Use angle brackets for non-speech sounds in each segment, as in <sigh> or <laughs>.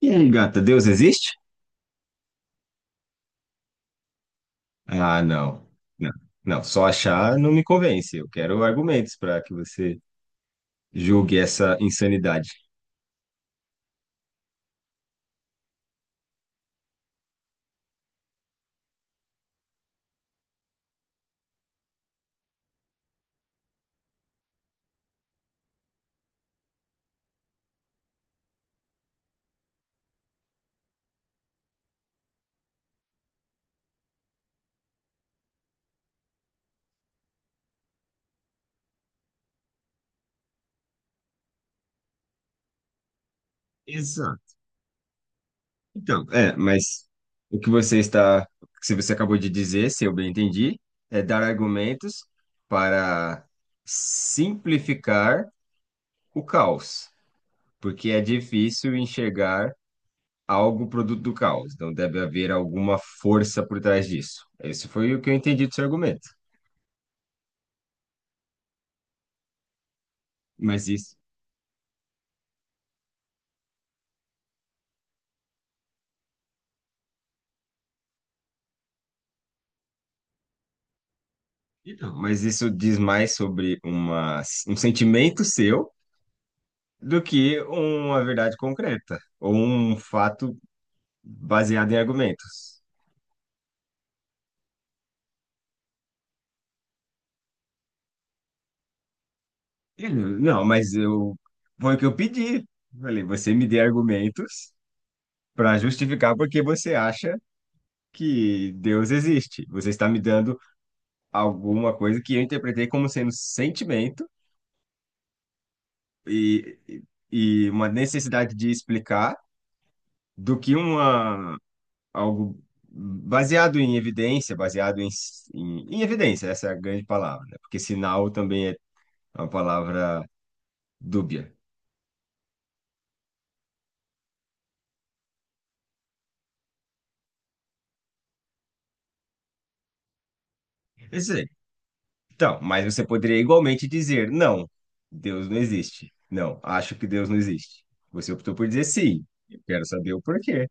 E aí, gata, Deus existe? Ah, não. Não, não, só achar não me convence. Eu quero argumentos para que você julgue essa insanidade. Exato. Mas o que você está, se você acabou de dizer, se eu bem entendi, é dar argumentos para simplificar o caos, porque é difícil enxergar algo produto do caos. Então deve haver alguma força por trás disso. Esse foi o que eu entendi do seu argumento. Mas isso Então, mas isso diz mais sobre um sentimento seu do que uma verdade concreta ou um fato baseado em argumentos. Ele, não, mas eu foi o que eu pedi. Falei, você me dê argumentos para justificar porque você acha que Deus existe. Você está me dando alguma coisa que eu interpretei como sendo sentimento e, e e uma necessidade de explicar do que uma algo baseado em evidência, baseado em evidência, essa é a grande palavra, né? Porque sinal também é uma palavra dúbia. Quer dizer, Então, mas você poderia igualmente dizer, não, Deus não existe. Não, acho que Deus não existe. Você optou por dizer sim. Eu quero saber o porquê.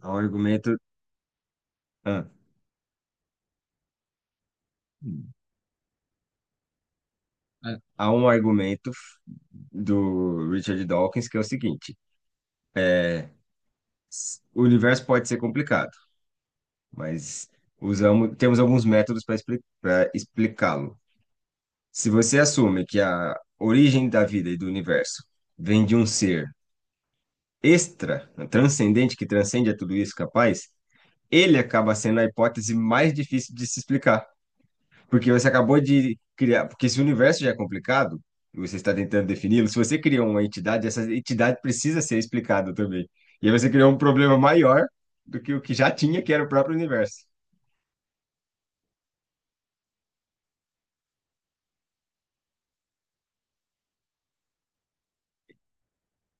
Há um argumento, ah, há um argumento do Richard Dawkins que é o seguinte: o universo pode ser complicado. Mas temos alguns métodos para explicá-lo. Se você assume que a origem da vida e do universo vem de um ser extra, né, transcendente, que transcende a tudo isso capaz, ele acaba sendo a hipótese mais difícil de se explicar. Porque você acabou de criar. Porque se o universo já é complicado, e você está tentando defini-lo, se você criou uma entidade, essa entidade precisa ser explicada também. E aí você criou um problema maior do que o que já tinha, que era o próprio universo.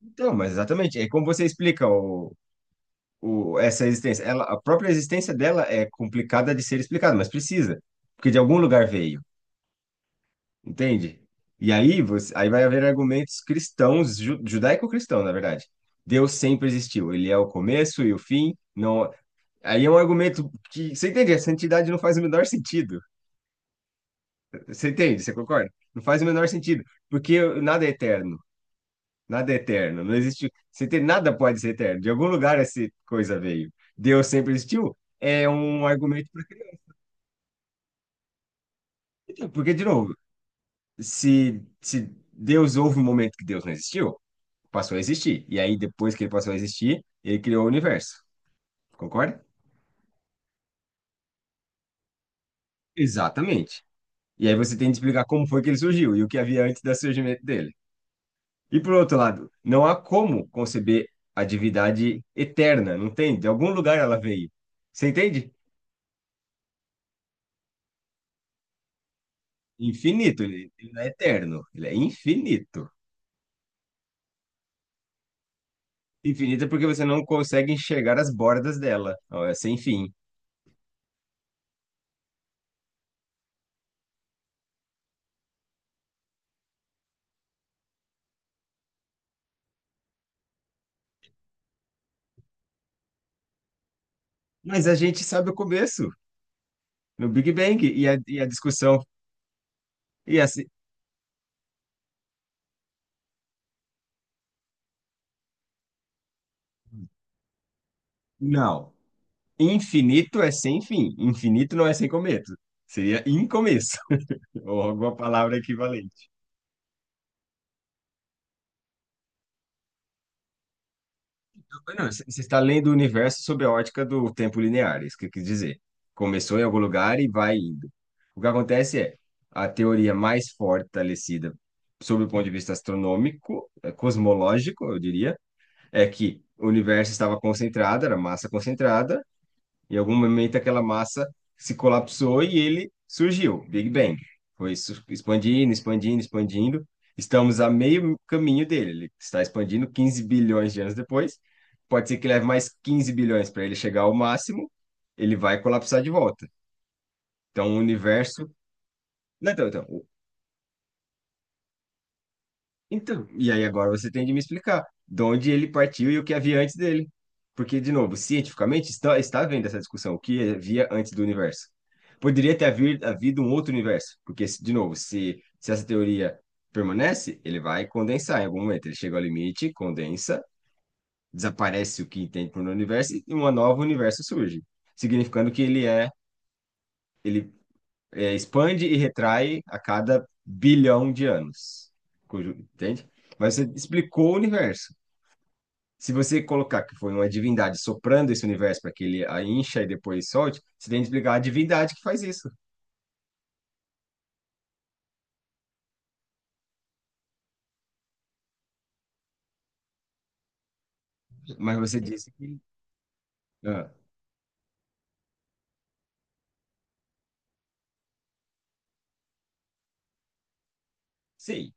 Então, mas exatamente, é como você explica essa existência. A própria existência dela é complicada de ser explicada, mas precisa, porque de algum lugar veio, entende? E aí, aí vai haver argumentos cristãos, judaico-cristão, na verdade. Deus sempre existiu, ele é o começo e o fim. Não, aí é um argumento que, você entende? Essa entidade não faz o menor sentido. Você entende? Você concorda? Não faz o menor sentido, porque nada é eterno. Nada é eterno, não existe. Se tem, nada pode ser eterno. De algum lugar essa coisa veio. Deus sempre existiu. É um argumento para que tem. Porque, de novo, se Deus houve um momento que Deus não existiu, passou a existir. E aí, depois que ele passou a existir, ele criou o universo. Concorda? Exatamente. E aí você tem de explicar como foi que ele surgiu e o que havia antes do surgimento dele. E por outro lado, não há como conceber a divindade eterna, não tem? De algum lugar ela veio. Você entende? Infinito, ele não é eterno, ele é infinito. Infinito é porque você não consegue enxergar as bordas dela, ó, é sem fim. Mas a gente sabe o começo, no Big Bang, e a discussão. E assim, não, infinito é sem fim, infinito não é sem começo, seria incomeço, <laughs> ou alguma palavra equivalente. Não, você está lendo o universo sob a ótica do tempo linear, é isso que eu quis dizer. Começou em algum lugar e vai indo. O que acontece é, a teoria mais fortalecida sob o ponto de vista astronômico, cosmológico, eu diria, é que o universo estava concentrado, era massa concentrada, em algum momento aquela massa se colapsou e ele surgiu, Big Bang. Expandindo, expandindo, expandindo. Estamos a meio caminho dele. Ele está expandindo 15 bilhões de anos depois. Pode ser que leve mais 15 bilhões para ele chegar ao máximo, ele vai colapsar de volta. Então, o universo. Não, então, então, Então, e aí agora você tem de me explicar de onde ele partiu e o que havia antes dele. Porque, de novo, cientificamente está havendo essa discussão, o que havia antes do universo. Poderia ter havido um outro universo, porque, de novo, se essa teoria permanece, ele vai condensar em algum momento. Ele chega ao limite, condensa, desaparece o que entende por um universo e um novo universo surge, significando que ele é, expande e retrai a cada bilhão de anos. Entende? Mas você explicou o universo. Se você colocar que foi uma divindade soprando esse universo para que ele a encha e depois solte, você tem que explicar a divindade que faz isso. Mas você disse que. Ah, sim.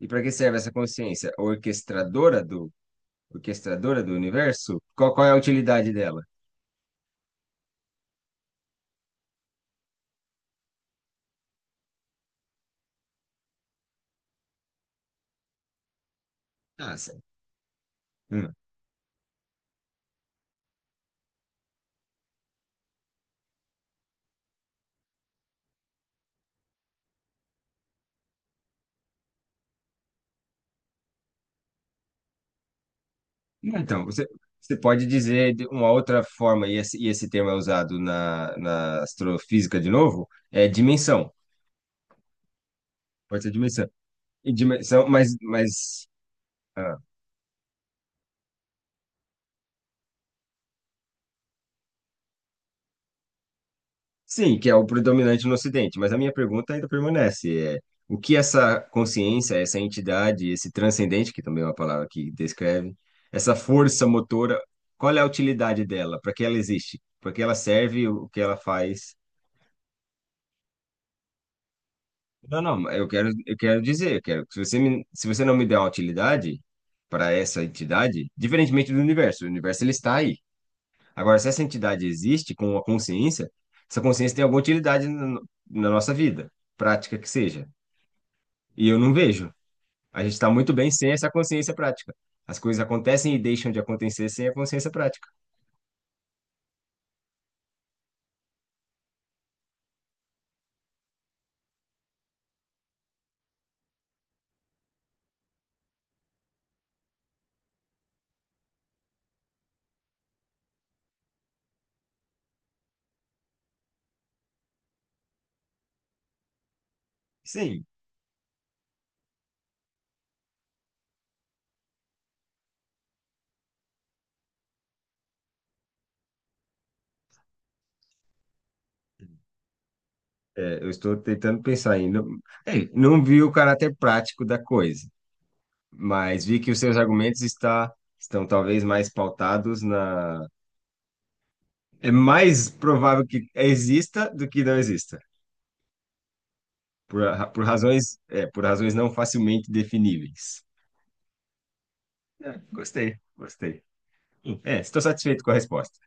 E para que serve essa consciência orquestradora do universo? Qual é a utilidade dela? Ah, sim. Hum. Não, Então, você pode dizer de uma outra forma, e esse termo é usado na astrofísica de novo, é dimensão. Pode ser dimensão. E dimensão, ah, sim, que é o predominante no Ocidente. Mas a minha pergunta ainda permanece. É, o que essa consciência, essa entidade, esse transcendente, que também é uma palavra que descreve, essa força motora, qual é a utilidade dela? Para que ela existe? Para que ela serve? O que ela faz? Não, não, eu quero dizer, eu quero que se você não me der uma utilidade para essa entidade, diferentemente do universo, o universo ele está aí. Agora, se essa entidade existe com a consciência, essa consciência tem alguma utilidade na, no- na nossa vida, prática que seja. E eu não vejo. A gente está muito bem sem essa consciência prática. As coisas acontecem e deixam de acontecer sem a consciência prática. Sim, é, eu estou tentando pensar ainda. É, não vi o caráter prático da coisa. Mas vi que os seus argumentos está, estão talvez mais pautados na... É mais provável que exista do que não exista, por, por razões, é, por razões não facilmente definíveis. É, gostei, gostei. É, estou satisfeito com a resposta.